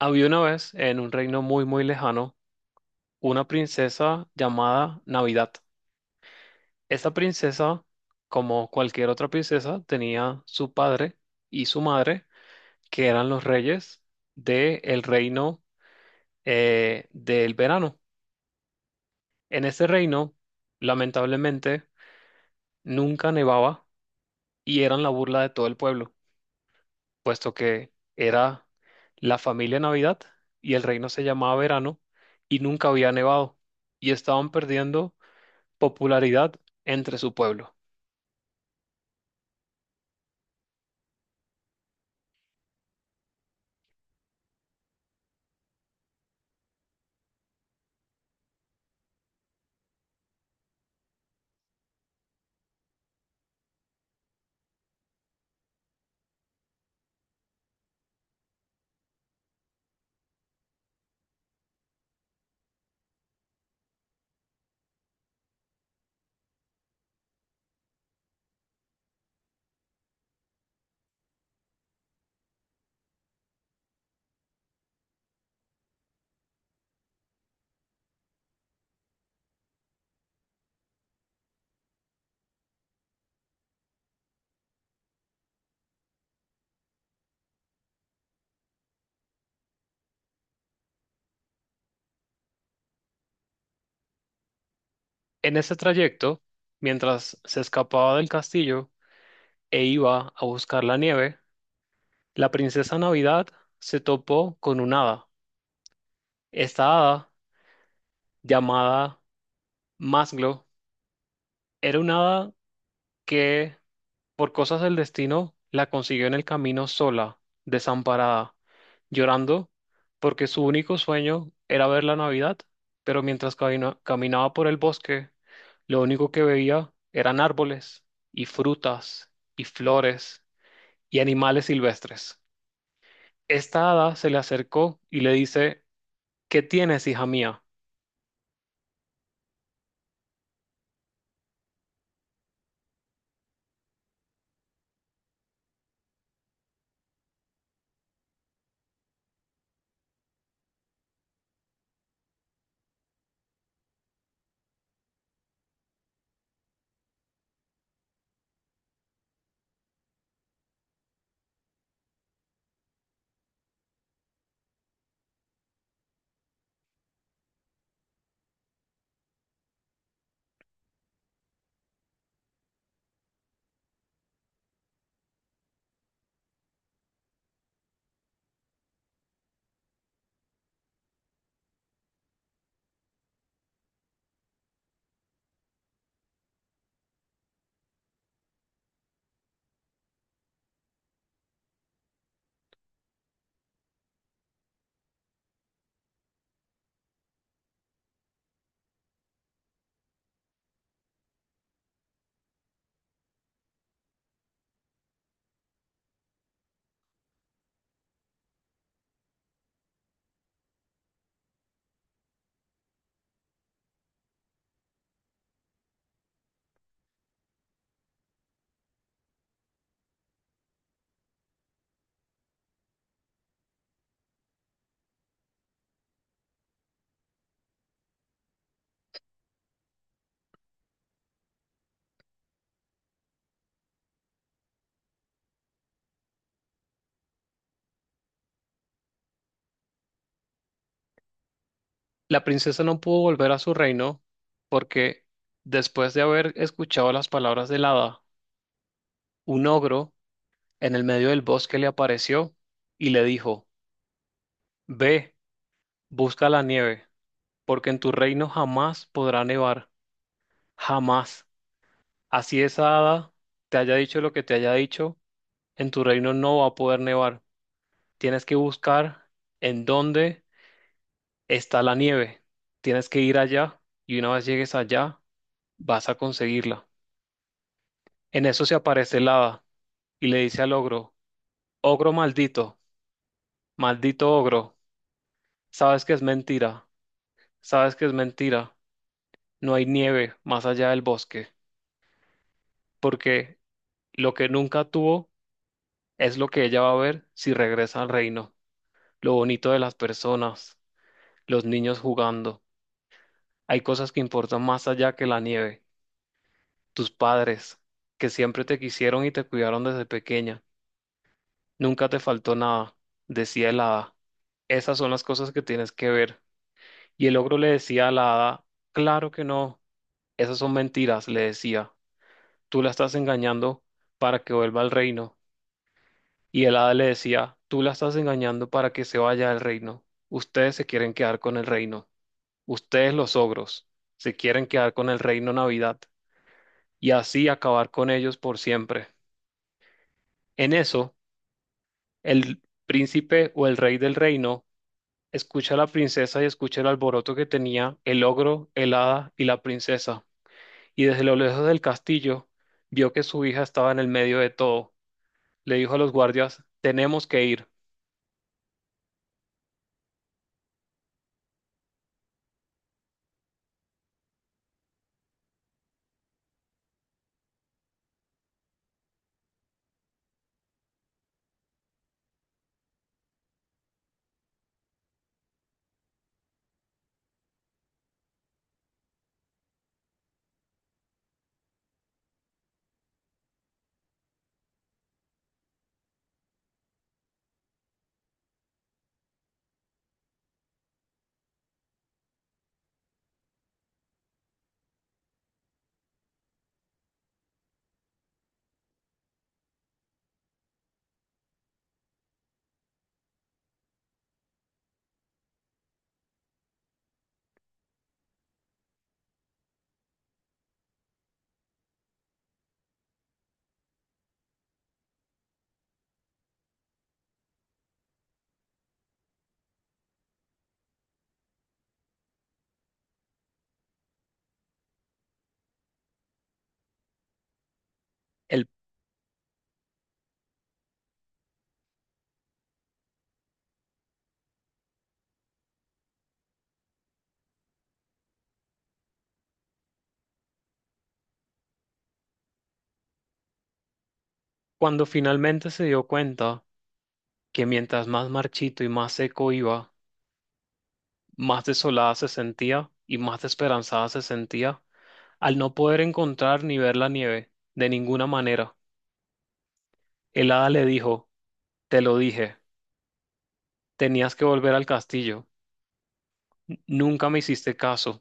Había una vez en un reino muy muy lejano una princesa llamada Navidad. Esta princesa, como cualquier otra princesa, tenía su padre y su madre, que eran los reyes del reino del verano. En ese reino, lamentablemente, nunca nevaba y eran la burla de todo el pueblo, puesto que era la familia Navidad y el reino se llamaba Verano y nunca había nevado y estaban perdiendo popularidad entre su pueblo. En ese trayecto, mientras se escapaba del castillo e iba a buscar la nieve, la princesa Navidad se topó con una hada. Esta hada, llamada Masglo, era una hada que, por cosas del destino, la consiguió en el camino sola, desamparada, llorando, porque su único sueño era ver la Navidad, pero mientras caminaba por el bosque, lo único que veía eran árboles y frutas y flores y animales silvestres. Esta hada se le acercó y le dice, ¿qué tienes, hija mía? La princesa no pudo volver a su reino porque, después de haber escuchado las palabras del hada, un ogro en el medio del bosque le apareció y le dijo, ve, busca la nieve, porque en tu reino jamás podrá nevar, jamás. Así esa hada te haya dicho lo que te haya dicho, en tu reino no va a poder nevar. Tienes que buscar en dónde está la nieve. Tienes que ir allá y una vez llegues allá, vas a conseguirla. En eso se aparece el hada y le dice al ogro, ogro maldito, maldito ogro, sabes que es mentira, sabes que es mentira. No hay nieve más allá del bosque, porque lo que nunca tuvo es lo que ella va a ver si regresa al reino, lo bonito de las personas, los niños jugando. Hay cosas que importan más allá que la nieve, tus padres, que siempre te quisieron y te cuidaron desde pequeña. Nunca te faltó nada, decía el hada. Esas son las cosas que tienes que ver. Y el ogro le decía a la hada, claro que no, esas son mentiras, le decía. Tú la estás engañando para que vuelva al reino. Y el hada le decía, tú la estás engañando para que se vaya al reino. Ustedes se quieren quedar con el reino. Ustedes los ogros se quieren quedar con el reino Navidad y así acabar con ellos por siempre. En eso, el príncipe o el rey del reino escucha a la princesa y escucha el alboroto que tenía el ogro, el hada y la princesa. Y desde lo lejos del castillo vio que su hija estaba en el medio de todo. Le dijo a los guardias, tenemos que ir. Él, cuando finalmente se dio cuenta, que mientras más marchito y más seco iba, más desolada se sentía y más desesperanzada se sentía al no poder encontrar ni ver la nieve, de ninguna manera. El hada le dijo, te lo dije, tenías que volver al castillo. Nunca me hiciste caso.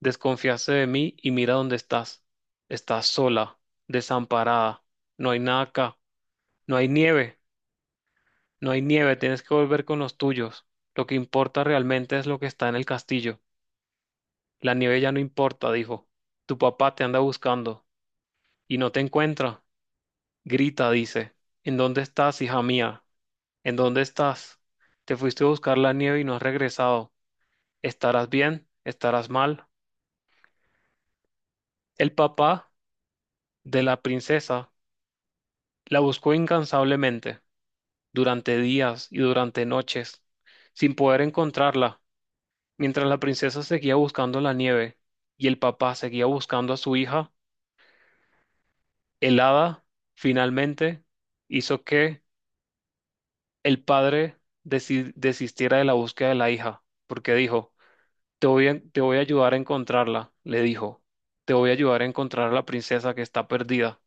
Desconfiaste de mí y mira dónde estás. Estás sola, desamparada. No hay nada acá. No hay nieve. No hay nieve. Tienes que volver con los tuyos. Lo que importa realmente es lo que está en el castillo. La nieve ya no importa, dijo. Tu papá te anda buscando y no te encuentra. Grita, dice. ¿En dónde estás, hija mía? ¿En dónde estás? Te fuiste a buscar la nieve y no has regresado. ¿Estarás bien? ¿Estarás mal? El papá de la princesa la buscó incansablemente durante días y durante noches, sin poder encontrarla, mientras la princesa seguía buscando la nieve y el papá seguía buscando a su hija, el hada finalmente hizo que el padre desistiera de la búsqueda de la hija, porque dijo, te voy a ayudar a encontrarla, le dijo, te voy a ayudar a encontrar a la princesa que está perdida.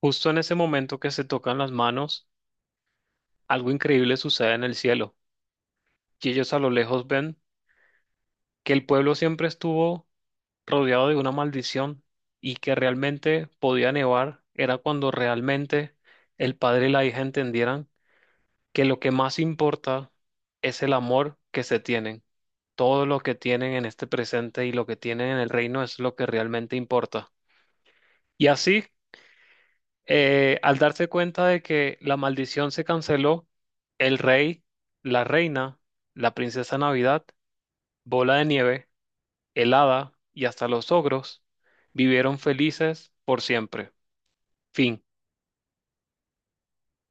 Justo en ese momento que se tocan las manos, algo increíble sucede en el cielo, y ellos a lo lejos ven que el pueblo siempre estuvo rodeado de una maldición y que realmente podía nevar, era cuando realmente el padre y la hija entendieran que lo que más importa es el amor que se tienen. Todo lo que tienen en este presente y lo que tienen en el reino es lo que realmente importa. Y así, al darse cuenta de que la maldición se canceló, el rey, la reina, la princesa Navidad, Bola de Nieve, el hada y hasta los ogros vivieron felices por siempre. Fin.